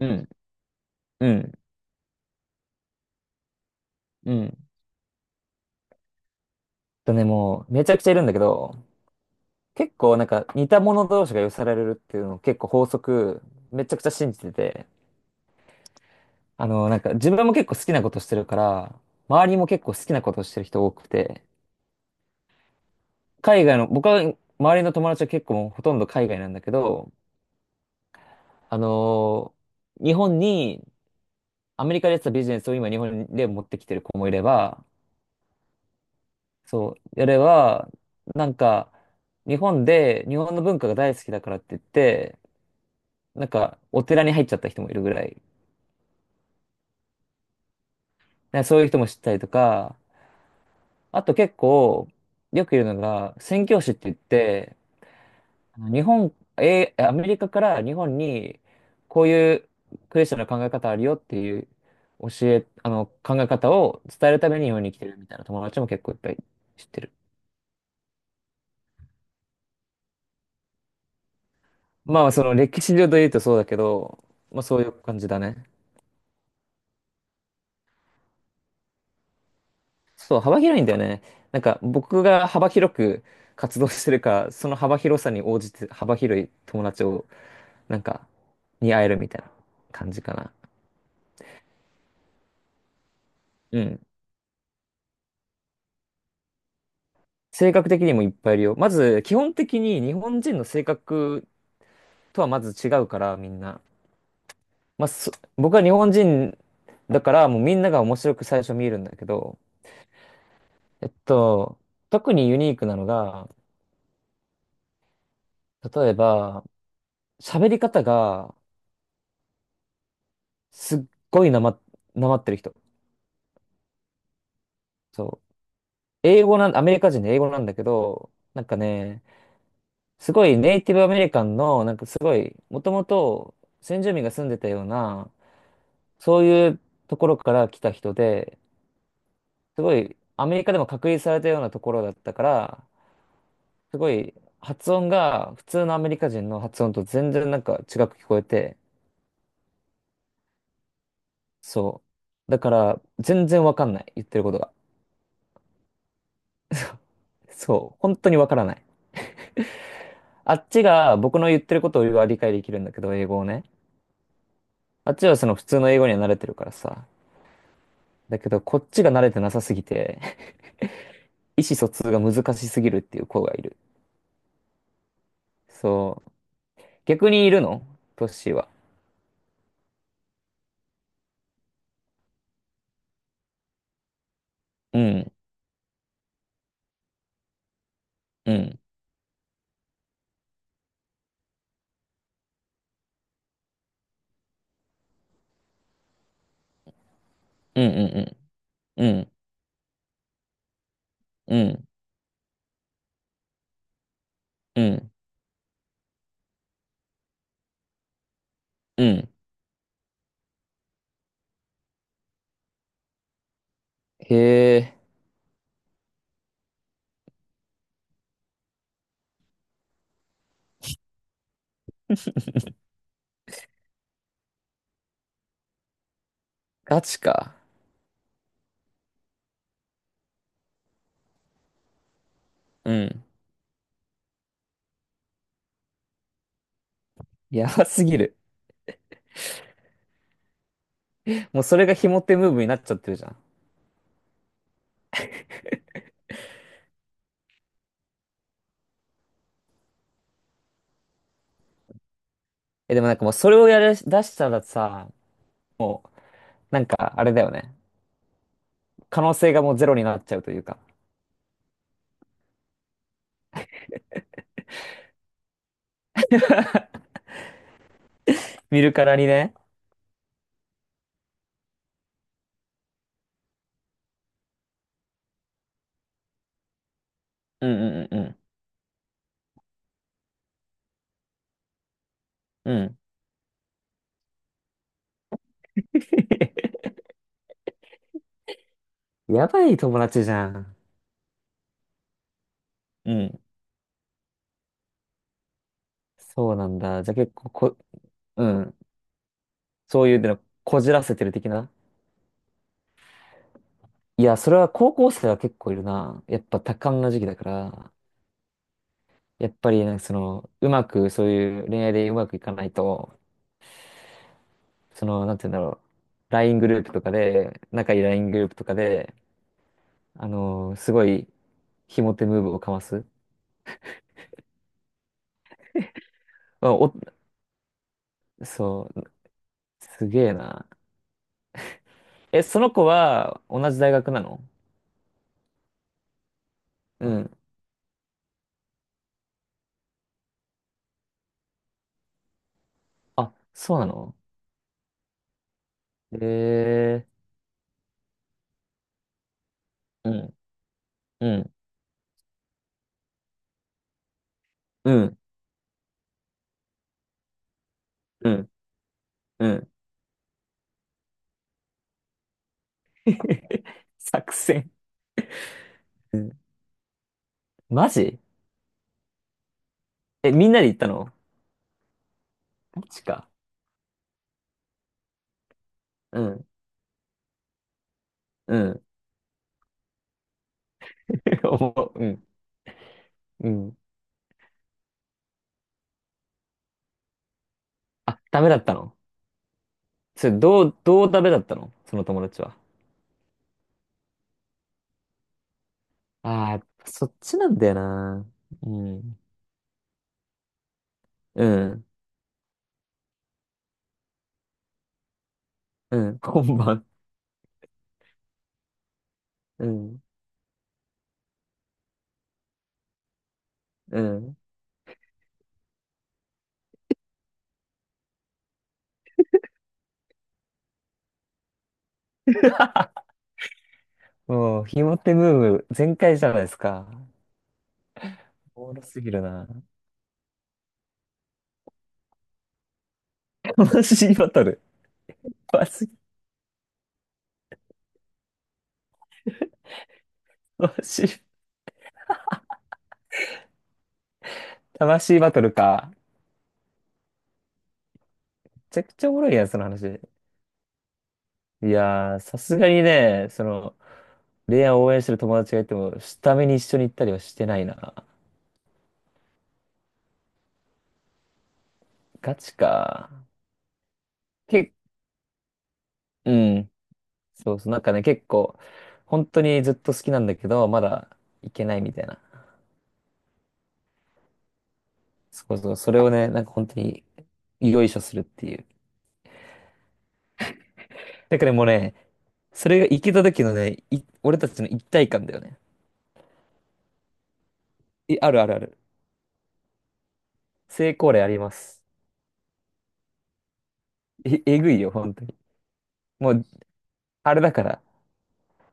うん、うん、うん。とね、もう、めちゃくちゃいるんだけど、結構なんか似た者同士が寄せられるっていうのを結構法則、めちゃくちゃ信じてて、なんか自分も結構好きなことしてるから、周りも結構好きなことしてる人多くて、海外の、僕は周りの友達は結構もうほとんど海外なんだけど、あのー日本に、アメリカでやってたビジネスを今日本で持ってきてる子もいれば、そう、やれば、なんか、日本で、日本の文化が大好きだからって言って、なんか、お寺に入っちゃった人もいるぐらい。ねそういう人も知ったりとか、あと結構、よくいるのが、宣教師って言って、日本、アメリカから日本に、こういうクリスチャンの考え方あるよっていう教え、考え方を伝えるために日本に来てるみたいな友達も結構いっぱい知ってる。まあ、その歴史上で言うとそうだけど、まあそういう感じだね。そう、幅広いんだよね。なんか僕が幅広く活動してるから、その幅広さに応じて幅広い友達を、なんか、に会えるみたいな感じかな。うん。性格的にもいっぱいいるよ。まず、基本的に日本人の性格とはまず違うから、みんな。まあ、僕は日本人だから、もうみんなが面白く最初見えるんだけど、えっと、特にユニークなのが、例えば、喋り方がすっごいなまってる人。そう英語なん、アメリカ人で英語なんだけど、なんかね、すごいネイティブアメリカンの、なんかすごい、もともと先住民が住んでたような、そういうところから来た人で、すごい、アメリカでも隔離されたようなところだったから、すごい、発音が普通のアメリカ人の発音と全然なんか違く聞こえて、そう。だから、全然わかんない、言ってることが。そう、本当にわからない。あっちが僕の言ってることを理解できるんだけど、英語をね。あっちはその普通の英語には慣れてるからさ。だけど、こっちが慣れてなさすぎて 意思疎通が難しすぎるっていう子がいる。そう。逆にいるの？トッシーは？うん、うん、うん、うん、うん、うん、うん、うん。うんへえ、ガチか。うん。やばすぎる。もうそれがモテムーブになっちゃってるじゃん。え、でもなんかもうそれをやらし出したらさ、もう、なんかあれだよね。可能性がもうゼロになっちゃうというか。見るからにね。うん、うん、うん、うん。うん やばい友達じゃん。うん。そうなんだ。じゃあ結構うん。そういうの、こじらせてる的な。いや、それは高校生は結構いるな。やっぱ多感な時期だから、やっぱりなんかその、うまく、そういう恋愛でうまくいかないと、その、なんて言うんだろう。LINE グループとかで、仲いい LINE グループとかで、すごい、ひも手ムーブをかます。まあお、そう、すげえな。え、その子は同じ大学なの？うん。あ、そうなの？えー、うん、うん、うん、うん、うん。作戦。うん。マジ？え、みんなで行ったの？マジか。うん、うん、うん、うん。あ、ダメだったの？それ、どうダメだったの？その友達は。ああ、そっちなんだよな。うん。うん、うん、今晩。うん、うん。もう、ひも手ムーブ全開じゃないですか。おもろすぎるな。悲しいバトル。マジ、マジ。魂バトルか。めちゃくちゃおもろいやん、その話。いやー、さすがにね、その、レアを応援してる友達がいても、下見に一緒に行ったりはしてないな。ガチか。け、うん。そうそう、なんかね、結構、本当にずっと好きなんだけど、まだ行けないみたいな。そうそう、それをね、なんか本当に、よいしょするっていう。だからもうね、それが行けた時のね、俺たちの一体感だよね。あるあるある。成功例あります。え、えぐいよ、本当に。もう、あれだから。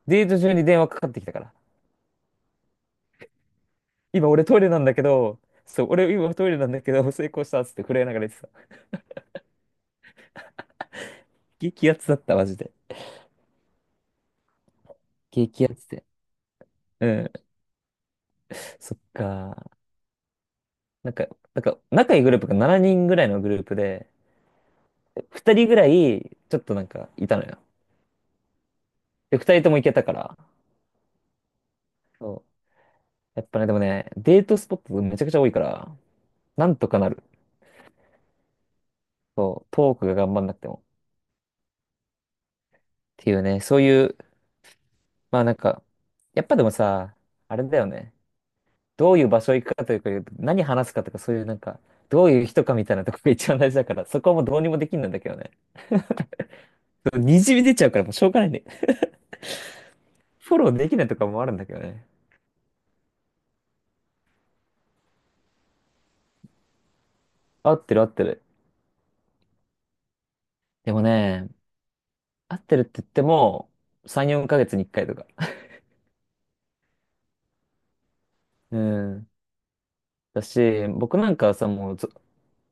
デート中に電話かかってきたから。今俺トイレなんだけど、そう、俺今トイレなんだけど、成功したっつって震えながら言ってた。激アツだった、マジで。激アツで。うん。そっか。なんか、仲いいグループが7人ぐらいのグループで、2人ぐらい、ちょっとなんか、いたのよ。で、2人とも行けたから。そう。やっぱね、でもね、デートスポットめちゃくちゃ多いから、なんとかなる。そう、トークが頑張んなくても。っていうね、そういう、まあなんか、やっぱでもさ、あれだよね。どういう場所行くかというか、何話すかとか、そういうなんか、どういう人かみたいなとこが一番大事だから、そこはもうどうにもできんなんだけどね。にじみ出ちゃうからもうしょうがないね。フォローできないとかもあるんだけどね。合ってる合ってる。でもね、合ってるって言っても、3、4ヶ月に1回とか。うん。だし、僕なんかはさ、もうぞ、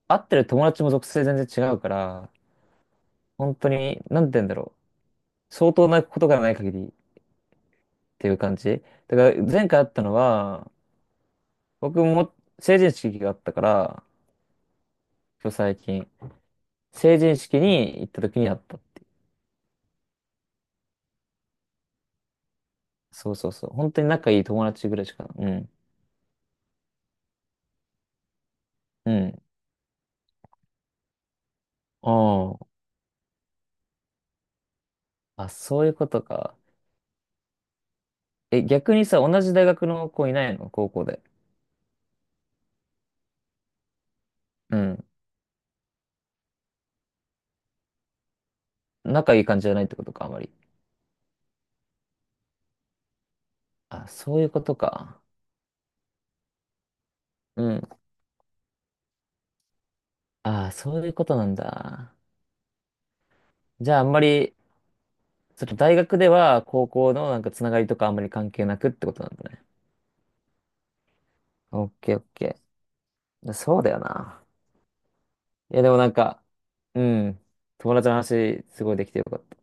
合ってる友達も属性全然違うから、本当に、なんて言うんだろう。相当なことがない限りっていう感じ。だから前回会ったのは、僕も成人式があったから、そう最近。成人式に行った時に会ったっていう。そうそうそう。本当に仲いい友達ぐらいしか。うん。うん。ああ。あ、そういうことか。え、逆にさ、同じ大学の子いないの？高校で。うん。仲いい感じじゃないってことか、あまり。あ、そういうことか。うん。あ、そういうことなんだ。じゃあ、あんまり、その大学では高校のなんかつながりとかあんまり関係なくってことなんだね。オッケーオッケー。そうだよな。いや、でもなんか、うん。友達の話、すごいできてよかった。